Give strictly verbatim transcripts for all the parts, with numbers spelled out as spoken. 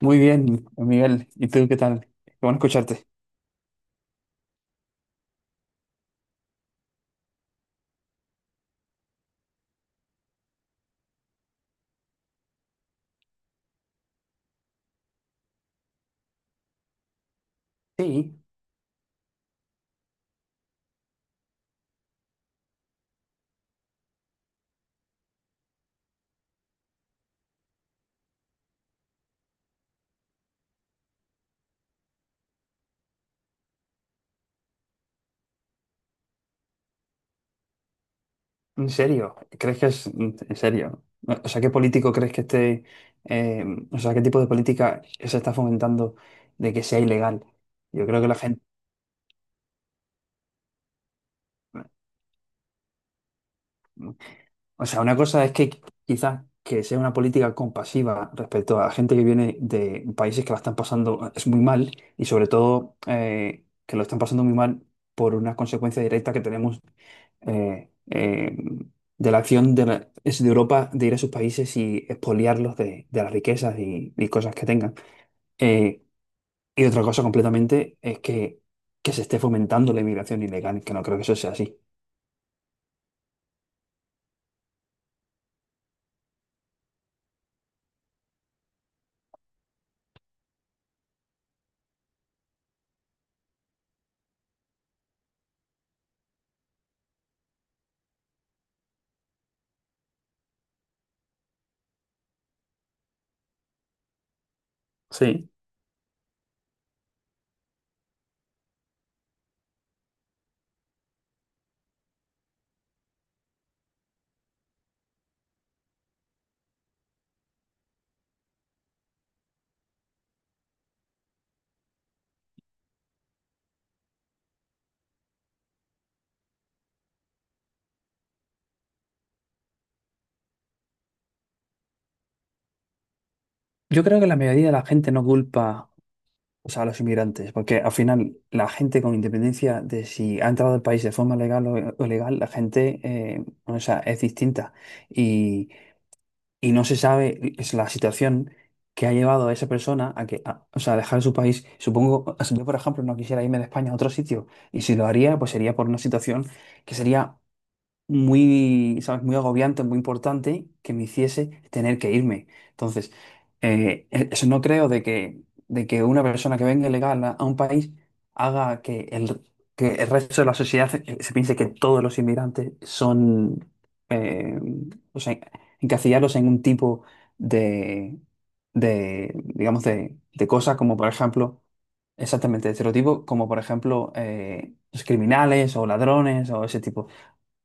Muy bien, Miguel. ¿Y tú qué tal? Qué bueno escucharte. Sí, en serio. ¿Crees que es en serio? O sea, ¿qué político crees que esté, eh, o sea, qué tipo de política se está fomentando de que sea ilegal? Yo creo que la gente, o sea, una cosa es que quizás que sea una política compasiva respecto a gente que viene de países que la están pasando es muy mal y sobre todo eh, que lo están pasando muy mal por una consecuencia directa que tenemos eh, eh, de la acción de, la- es de Europa de ir a sus países y expoliarlos de, de las riquezas y, y cosas que tengan. Eh, y otra cosa completamente es que, que se esté fomentando la inmigración ilegal, que no creo que eso sea así. Sí. Yo creo que la mayoría de la gente no culpa, o sea, a los inmigrantes, porque al final la gente con independencia de si ha entrado al país de forma legal o, o ilegal, la gente, eh, o sea, es distinta. Y, y no se sabe es la situación que ha llevado a esa persona a que, a- o sea, a dejar su país. Supongo, o sea, yo por ejemplo no quisiera irme de España a otro sitio y si lo haría, pues sería por una situación que sería muy, ¿sabes? Muy agobiante, muy importante que me hiciese tener que irme. Entonces, eh, e, eso no creo de que, de que una persona que venga ilegal a, a un país haga que el, que el resto de la sociedad se, se piense que todos los inmigrantes son, eh, o sea, encasillarlos en un tipo de, de digamos, de, de cosas como, por ejemplo, exactamente, de estereotipos como por ejemplo eh, los criminales o ladrones o ese tipo.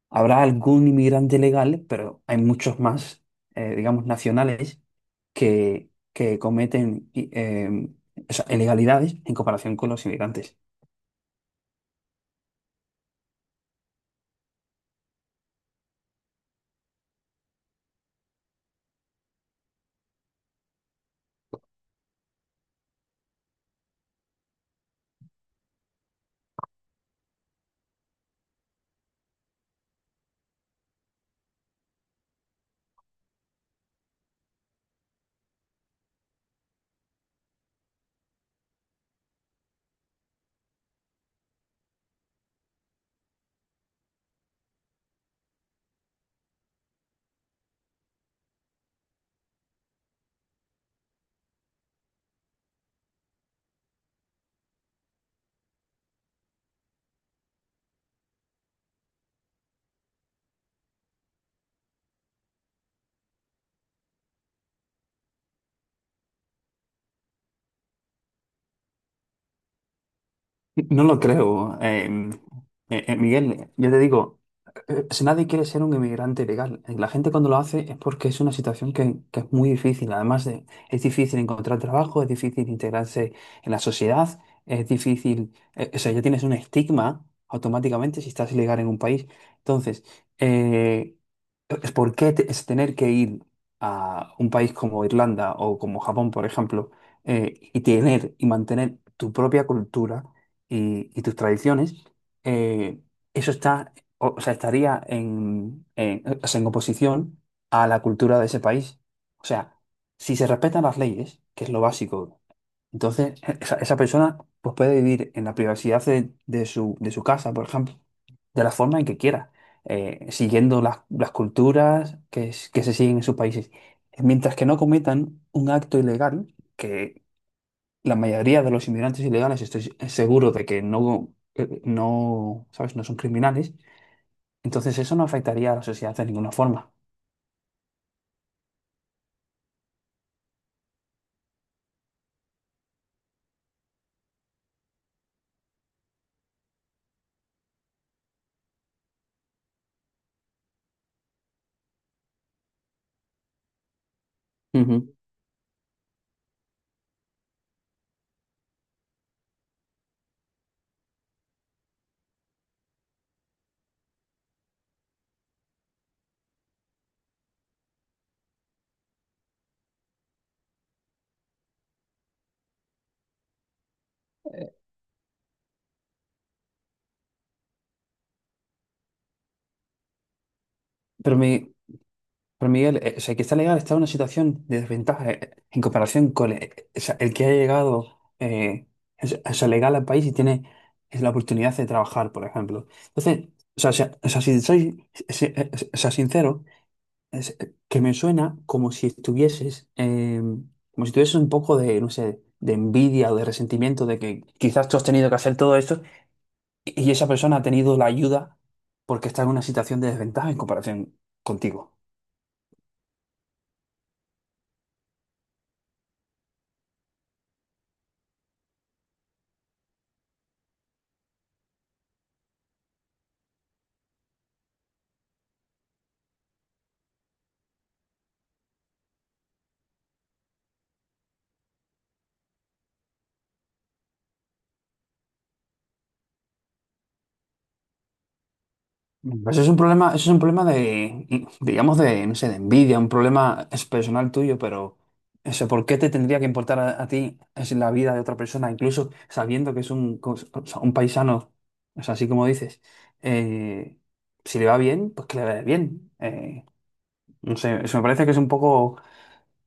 Habrá algún inmigrante legal, pero hay muchos más, eh, digamos, nacionales que, que cometen i- eh, o sea, ilegalidades en comparación con los inmigrantes. No lo creo. em, eh, eh, Miguel, yo te digo, eh, si nadie quiere ser un inmigrante legal. Eh, La gente cuando lo hace es porque es una situación que, que es muy difícil. Además, de- es difícil encontrar trabajo, es difícil integrarse en la sociedad, es difícil, eh, o sea, ya tienes un estigma automáticamente si estás ilegal en un país. Entonces, eh, es ¿por qué te- es tener que ir a un país como Irlanda o como Japón, por ejemplo, eh, y tener y mantener tu propia cultura? Y, y tus tradiciones, eh, eso está, o, o sea, estaría en, en, o sea, en oposición a la cultura de ese país. O sea, si se respetan las leyes, que es lo básico, entonces e, esa, esa persona pues, puede vivir en la privacidad de, de su, de su casa, por ejemplo, de la forma en que quiera, eh, siguiendo las, las culturas que, es- que se siguen en sus países. Mientras que no cometan un acto ilegal, que la mayoría de los inmigrantes ilegales estoy seguro de que no, eh, no, ¿sabes? No son criminales. Entonces eso no afectaría a la sociedad de ninguna forma. Ujú. Pero, mi, pero Miguel, eh, o sea, el que está legal está en una situación de desventaja eh, en comparación con eh, o sea, el que ha llegado eh, es- o sea, legal al país y tiene la oportunidad de trabajar, por ejemplo. Entonces, o sea, si, o sea, si soy si- eh, o sea, sincero, es- que me suena como si estuvieses, eh, como si tuvieses un poco de, no sé, de envidia o de resentimiento de que quizás tú has tenido que hacer todo esto y y esa persona ha tenido la ayuda porque está en una situación de desventaja en comparación contigo. Pues eso es un problema, eso es un problema de, i- digamos, de, no sé, de envidia, un problema es personal tuyo, pero eso, ¿por qué te tendría que importar a, a ti es la vida de otra persona, incluso sabiendo que es un, cos- o sea, un paisano, o sea, así como dices, eh, si le va bien, pues que le vaya bien. Eh, no sé, eso me parece que es un poco, o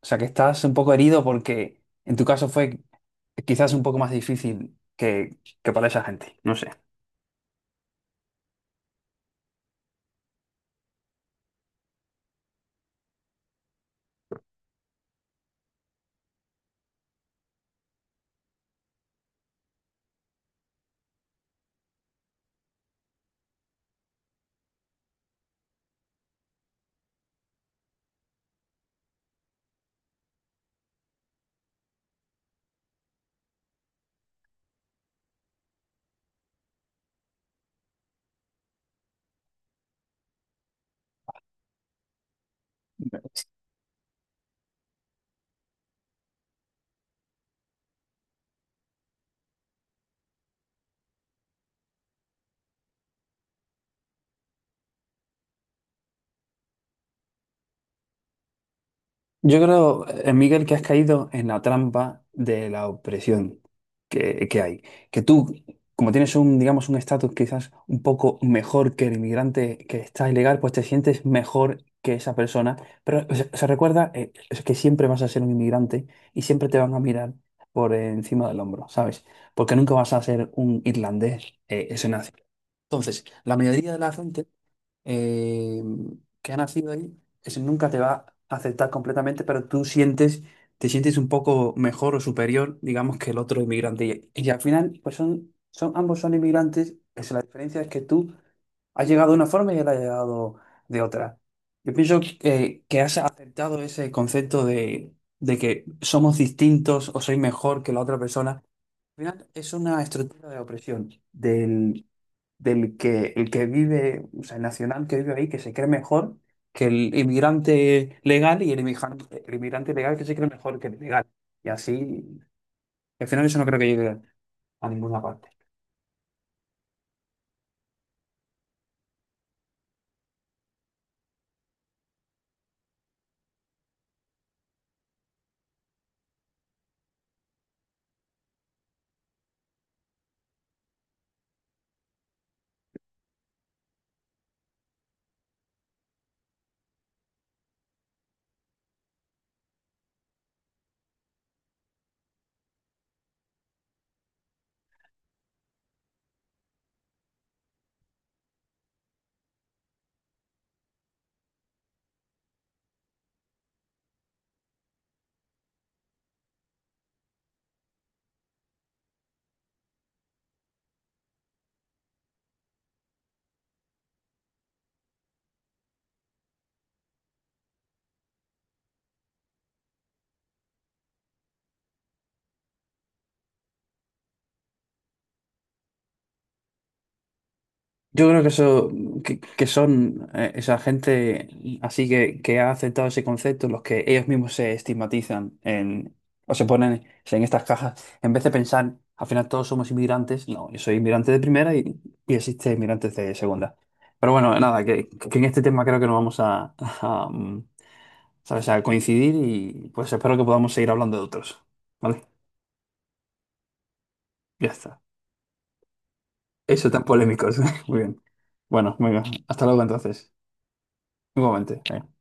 sea, que estás un poco herido porque en tu caso fue quizás un poco más difícil que, que para esa gente, no sé. Yo creo, eh, Miguel, que has caído en la trampa de la opresión que, que hay. Que tú, como tienes un, digamos, un estatus quizás un poco mejor que el inmigrante que está ilegal, pues te sientes mejor que esa persona. Pero se, se recuerda eh, es que siempre vas a ser un inmigrante y siempre te van a mirar por encima del hombro, ¿sabes? Porque nunca vas a ser un irlandés eh, ese entonces, la mayoría de la gente eh, que ha nacido ahí, ese nunca te va a aceptar completamente, pero tú sientes, te sientes un poco mejor o superior, digamos, que el otro inmigrante. Y, y al final, pues son, son, ambos son inmigrantes, es la diferencia es que tú has llegado de una forma y él ha llegado de otra. Yo pienso que, que has aceptado ese concepto de, de que somos distintos o soy mejor que la otra persona. Al final es una estructura de opresión del, del que el que vive, o sea, el nacional que vive ahí, que se cree mejor que el inmigrante legal y el inmigrante, el inmigrante legal que se cree mejor que el legal. Y así, al final eso no creo que llegue a ninguna parte. Yo creo que eso, que, que son eh, esa gente así que, que ha aceptado ese concepto, los que ellos mismos se estigmatizan en, o se ponen en estas cajas, en vez de pensar, al final todos somos inmigrantes, no, yo soy inmigrante de primera y, y existe inmigrantes de segunda. Pero bueno, nada, que, que en este tema creo que no vamos a, a, mm, ¿sabes? A coincidir y pues espero que podamos seguir hablando de otros. ¿Vale? Ya está. Eso tan polémicos. Muy bien. Bueno, venga, hasta luego entonces. Igualmente. Venga.